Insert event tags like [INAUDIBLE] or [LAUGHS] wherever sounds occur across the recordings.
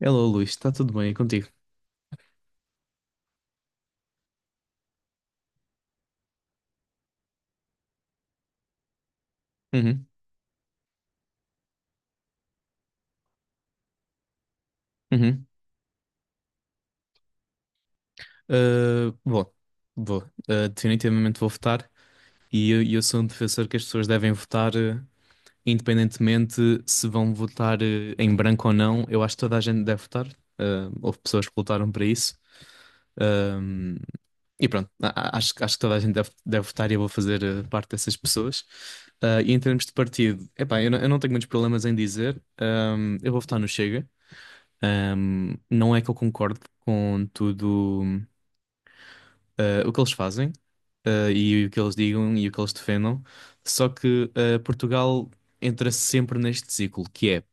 Hello, Luís, está tudo bem e contigo? Uhum, uhum. Bom, vou, definitivamente vou votar e eu sou um defensor que as pessoas devem votar, independentemente se vão votar, em branco ou não. Eu acho que toda a gente deve votar. Houve pessoas que lutaram para isso. Um, e pronto, acho, acho que toda a gente deve, deve votar e eu vou fazer, parte dessas pessoas. E em termos de partido, epá, eu, eu não tenho muitos problemas em dizer. Eu vou votar no Chega. Não é que eu concorde com tudo, o que eles fazem, e o que eles digam e o que eles defendam, só que Portugal entra sempre neste ciclo, que é,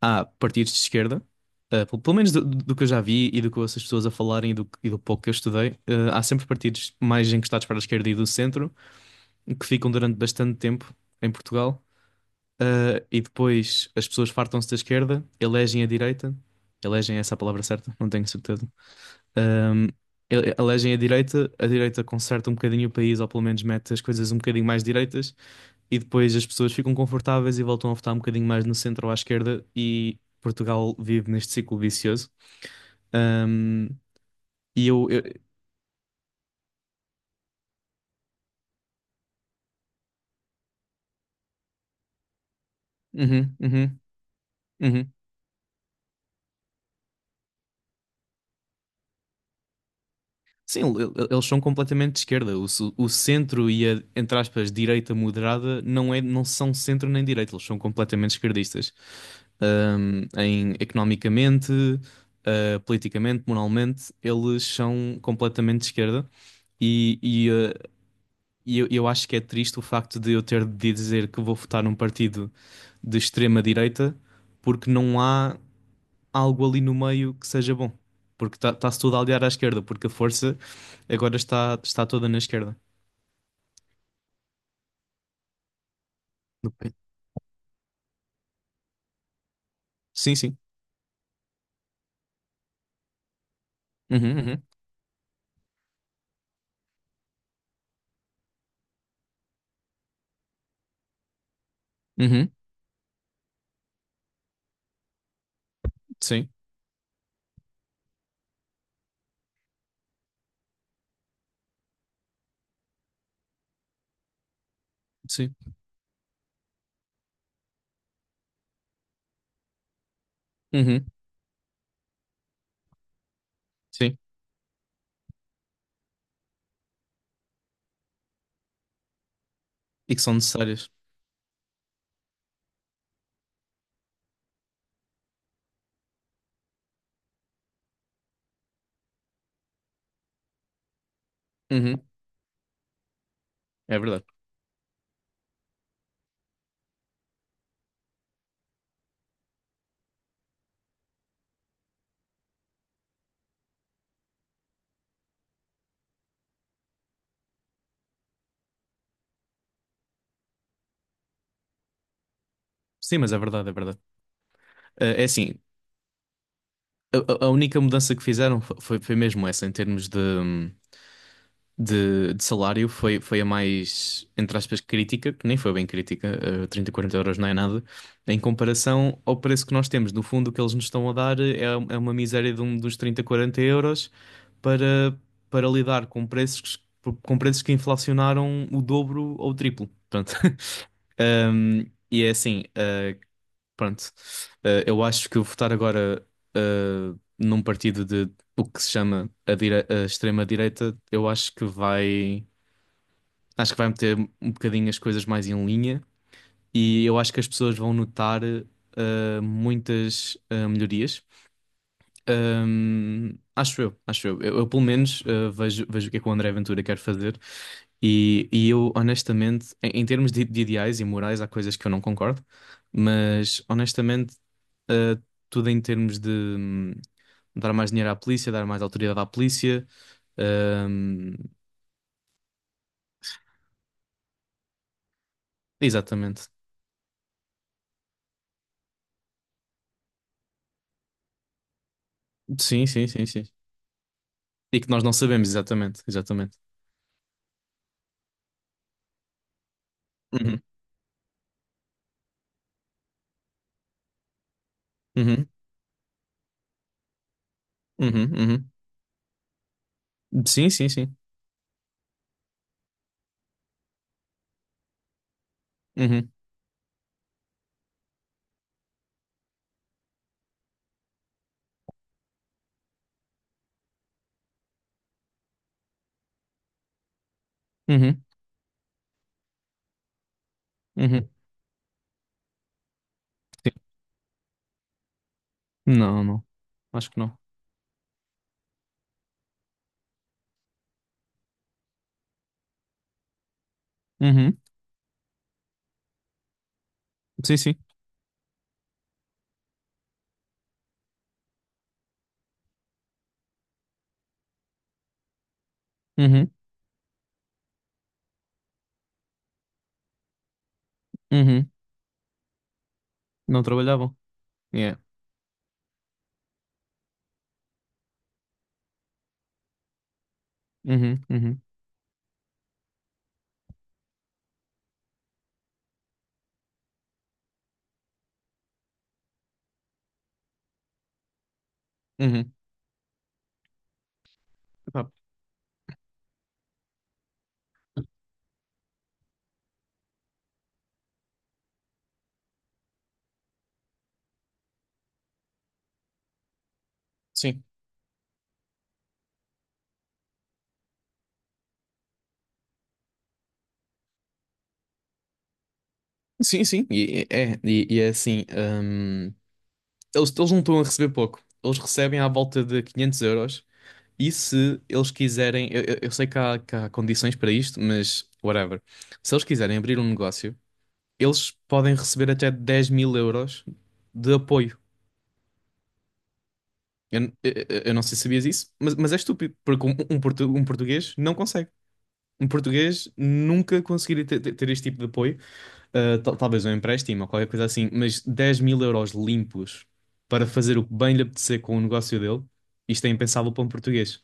há partidos de esquerda, pelo menos do, do que eu já vi e do que eu ouço as pessoas a falarem e do pouco que eu estudei, há sempre partidos mais encostados para a esquerda e do centro, que ficam durante bastante tempo em Portugal, e depois as pessoas fartam-se da esquerda, elegem a direita, elegem é essa a palavra certa, não tenho certeza. Um, Elegem a direita conserta um bocadinho o país, ou pelo menos mete as coisas um bocadinho mais direitas, e depois as pessoas ficam confortáveis e voltam a votar um bocadinho mais no centro ou à esquerda, e Portugal vive neste ciclo vicioso. Um, e eu, eu- Uhum, uhum, uhum. Sim, eles são completamente de esquerda. O centro e a, entre aspas, direita moderada não é, não são centro nem direita, eles são completamente esquerdistas. Em economicamente, politicamente, moralmente, eles são completamente de esquerda. E, e, eh, e eu acho que é triste o facto de eu ter de dizer que vou votar num partido de extrema-direita porque não há algo ali no meio que seja bom. Porque está-se tudo a aliar à esquerda, porque a força agora está toda na esquerda. Do país. Sim, sim. Uhum, uhum, uhum, sim, sim, uhum, sim. E que são necessárias. Uhum, é verdade. Sim, mas é verdade, é verdade. É assim, a, a única mudança que fizeram foi mesmo essa, em termos de, de salário, foi a mais, entre aspas, crítica, que nem foi bem crítica, 30, 40 euros não é nada, em comparação ao preço que nós temos. No fundo, o que eles nos estão a dar é uma miséria de um, dos 30, 40 euros para, para lidar com preços, que inflacionaram o dobro ou o triplo. Portanto, [LAUGHS] Um, e é assim, Pronto. Eu acho que eu votar agora eh, num partido de o que se chama a, a extrema-direita, eu acho que vai. Acho que vai meter um bocadinho as coisas mais em linha e eu acho que as pessoas vão notar muitas melhorias. Acho eu, acho eu. Pelo menos vejo o que é que o André Ventura quer fazer e eu, honestamente, em, termos de ideais e morais, há coisas que eu não concordo, mas honestamente, eh, tudo em termos de dar mais dinheiro à polícia, dar mais autoridade à polícia, hum, exatamente. Sim, sim, sim, sim. E que nós não sabemos exatamente, exatamente. Uhum, uhum, uhum, uhum. Sim, sim, sim. Uhum, uhum, uhum. Sim. Não, não. Acho que não. Uhum. Sim, sim. Uhum, uhum. Não trabalhavam. Yeah. Uhum, uhum, uhum. Epá, sim, sim, sim. E é assim: eles não estão a receber pouco. Eles recebem à volta de 500 euros. E se eles quiserem, eu sei que há condições para isto, mas whatever. Se eles quiserem abrir um negócio, eles podem receber até 10 mil euros de apoio. Eu, n- eu- Eu não sei se sabias isso, mas é estúpido, porque um português não consegue. Um português nunca conseguiria ter este tipo de apoio. Talvez um empréstimo ou qualquer coisa assim, mas 10.000 euros limpos para fazer o que bem lhe apetecer com o negócio dele, isto é impensável para um português.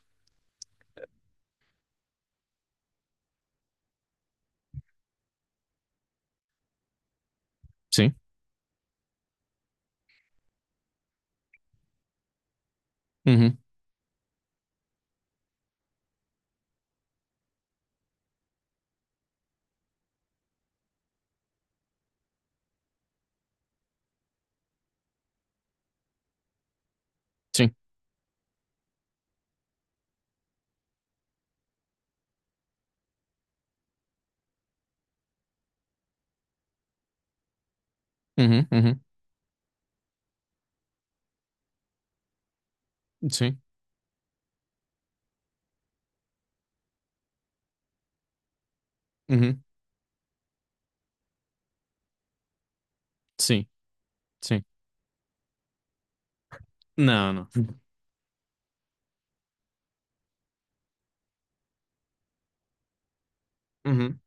Sim. Uhum. Sim. Uhum. Uhum. Sim. Uhum. Sim. Sim. Não, não. Uhum.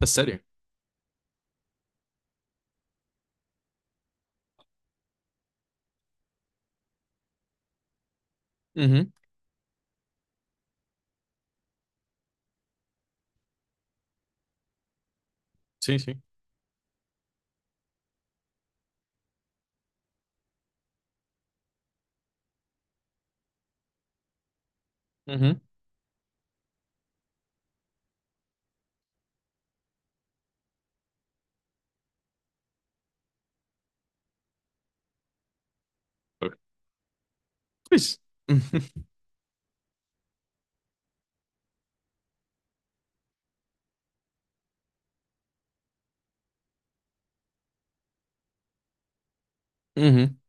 A sério? Uhum. Sim, sim. Uhum. Pois. [LAUGHS] Uhum.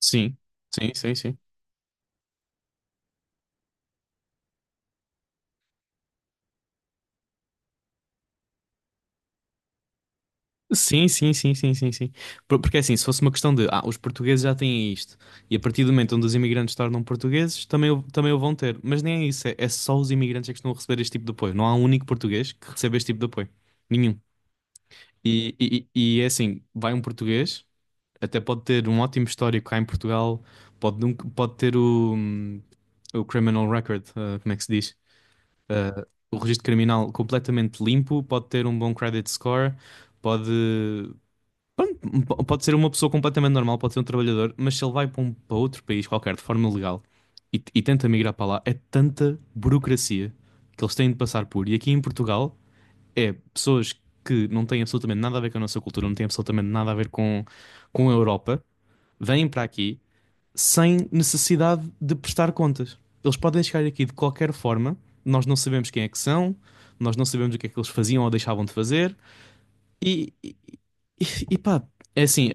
Sim. Sim, sim, sim. Sim, sim, sim, sim, sim, sim. Porque é assim, se fosse uma questão de, os portugueses já têm isto, e a partir do momento onde os imigrantes tornam portugueses, também o vão ter. Mas nem é isso, é só os imigrantes é que estão a receber este tipo de apoio. Não há um único português que receba este tipo de apoio. Nenhum. E é assim, vai um português, até pode ter um ótimo histórico cá em Portugal, pode, pode ter o criminal record, como é que se diz? Ah, o registro criminal completamente limpo, pode ter um bom credit score, pode. Pode ser uma pessoa completamente normal, pode ser um trabalhador, mas se ele vai para, para outro país qualquer de forma legal e tenta migrar para lá, é tanta burocracia que eles têm de passar por. E aqui em Portugal é pessoas que não têm absolutamente nada a ver com a nossa cultura, não têm absolutamente nada a ver com, a Europa, vêm para aqui sem necessidade de prestar contas. Eles podem chegar aqui de qualquer forma, nós não sabemos quem é que são, nós não sabemos o que é que eles faziam ou deixavam de fazer, e, e, e pá. É assim,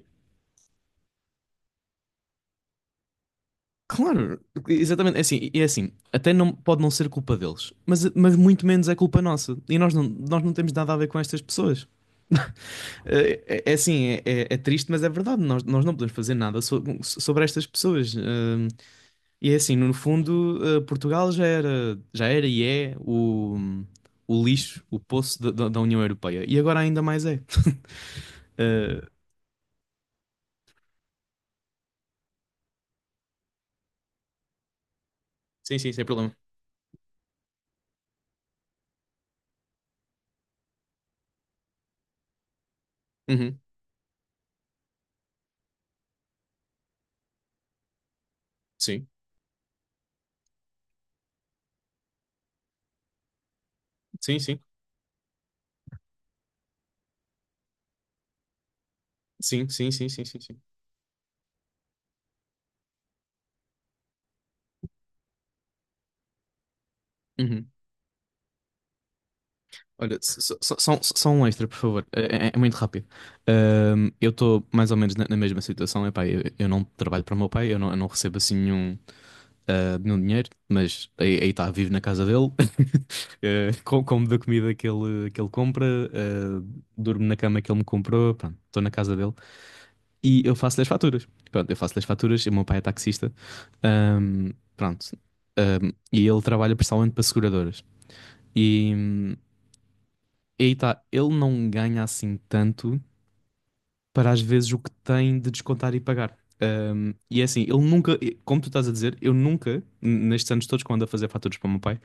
Claro, exatamente. É assim, até não, pode não ser culpa deles, mas muito menos é culpa nossa. E nós não temos nada a ver com estas pessoas. [LAUGHS] É assim, é triste, mas é verdade. Nós não podemos fazer nada sobre estas pessoas. E é assim, no fundo, Portugal já era e é o, lixo, o poço da, da União Europeia. E agora ainda mais é. [LAUGHS] Eh, sim, sim, sem problema. Uhum, sim, sim, sim. Sim, sim, sim, sim, sim, sim. Uhum. Olha, só, só, só um extra, por favor. É muito rápido. Eu estou mais ou menos na mesma situação. Epá, eu não trabalho para o meu pai, eu não recebo assim nenhum dinheiro, mas aí está, vivo na casa dele, [LAUGHS] Como da comida que ele compra, eh, durmo na cama que ele me comprou, pronto, estou na casa dele e eu faço-lhe as faturas. Pronto, eu faço-lhe as faturas, e o meu pai é taxista. Ahm, Pronto. E ele trabalha principalmente para seguradoras. E. hum, e aí tá, ele não ganha assim tanto para às vezes o que tem de descontar e pagar. E é assim, ele nunca, como tu estás a dizer, eu nunca, nestes anos todos que eu ando a fazer faturas para o meu pai,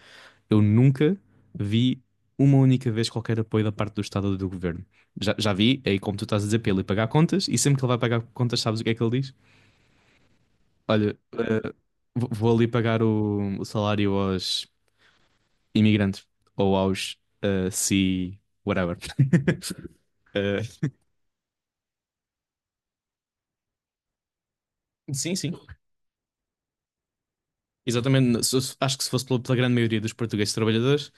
eu nunca vi uma única vez qualquer apoio da parte do Estado ou do governo. Já vi, é aí como tu estás a dizer, para ele ir pagar contas, e sempre que ele vai pagar contas, sabes o que é que ele diz? Olha, vou ali pagar o, salário aos imigrantes ou aos si, whatever. [LAUGHS] Eh, sim, sim. Exatamente, acho que se fosse pela grande maioria dos portugueses trabalhadores,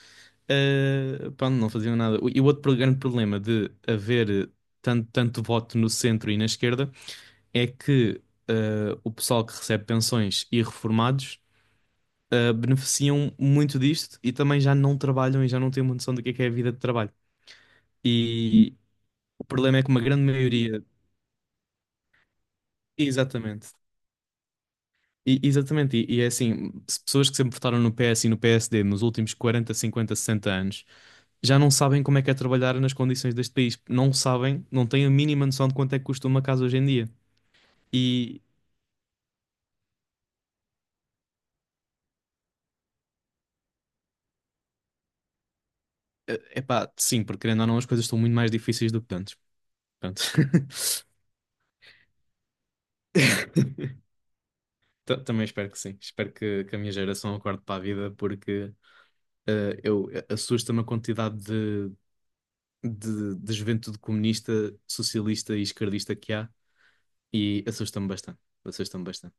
pá, não faziam nada. E o outro grande problema de haver tanto, tanto voto no centro e na esquerda é que o pessoal que recebe pensões e reformados beneficiam muito disto e também já não trabalham e já não têm uma noção do que é a vida de trabalho. E o problema é que uma grande maioria. Exatamente. Exatamente, e é assim, se pessoas que sempre votaram no PS e no PSD nos últimos 40, 50, 60 anos já não sabem como é que é trabalhar nas condições deste país. Não sabem, não têm a mínima noção de quanto é que custa uma casa hoje em dia. E, é pá, sim, porque querendo ou não, as coisas estão muito mais difíceis do que antes. Pronto. [LAUGHS] Também espero que sim. Espero que a minha geração acorde para a vida, porque assusta-me a quantidade de, de juventude comunista, socialista e esquerdista que há, e assusta-me bastante. Assusta-me bastante.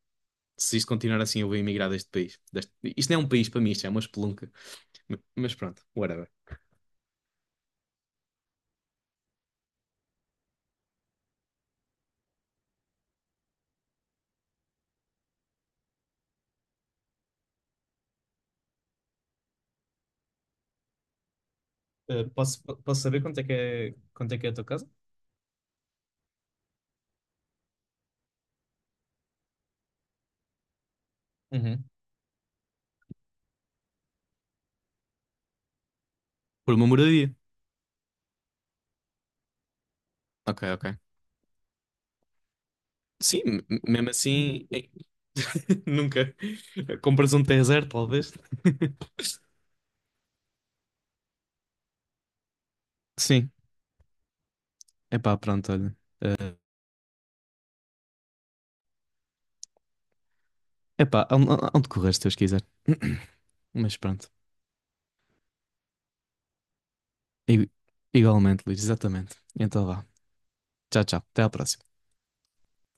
Se isto continuar assim, eu vou emigrar deste país. Isto não é um país para mim, isto é uma espelunca. Mas pronto, whatever. Posso saber quanto é que é a tua casa? Uhum. Por uma moradia. Ok, ok. Sim, mesmo assim, [LAUGHS] nunca. A comparação de zero, talvez. [LAUGHS] Sim, epá, pronto, olha. Eh, Há onde correr se Deus quiser. [CLEARS THROAT] Mas pronto. I- Igualmente, Luís, exatamente. Então vá. Tchau, tchau. Até à próxima.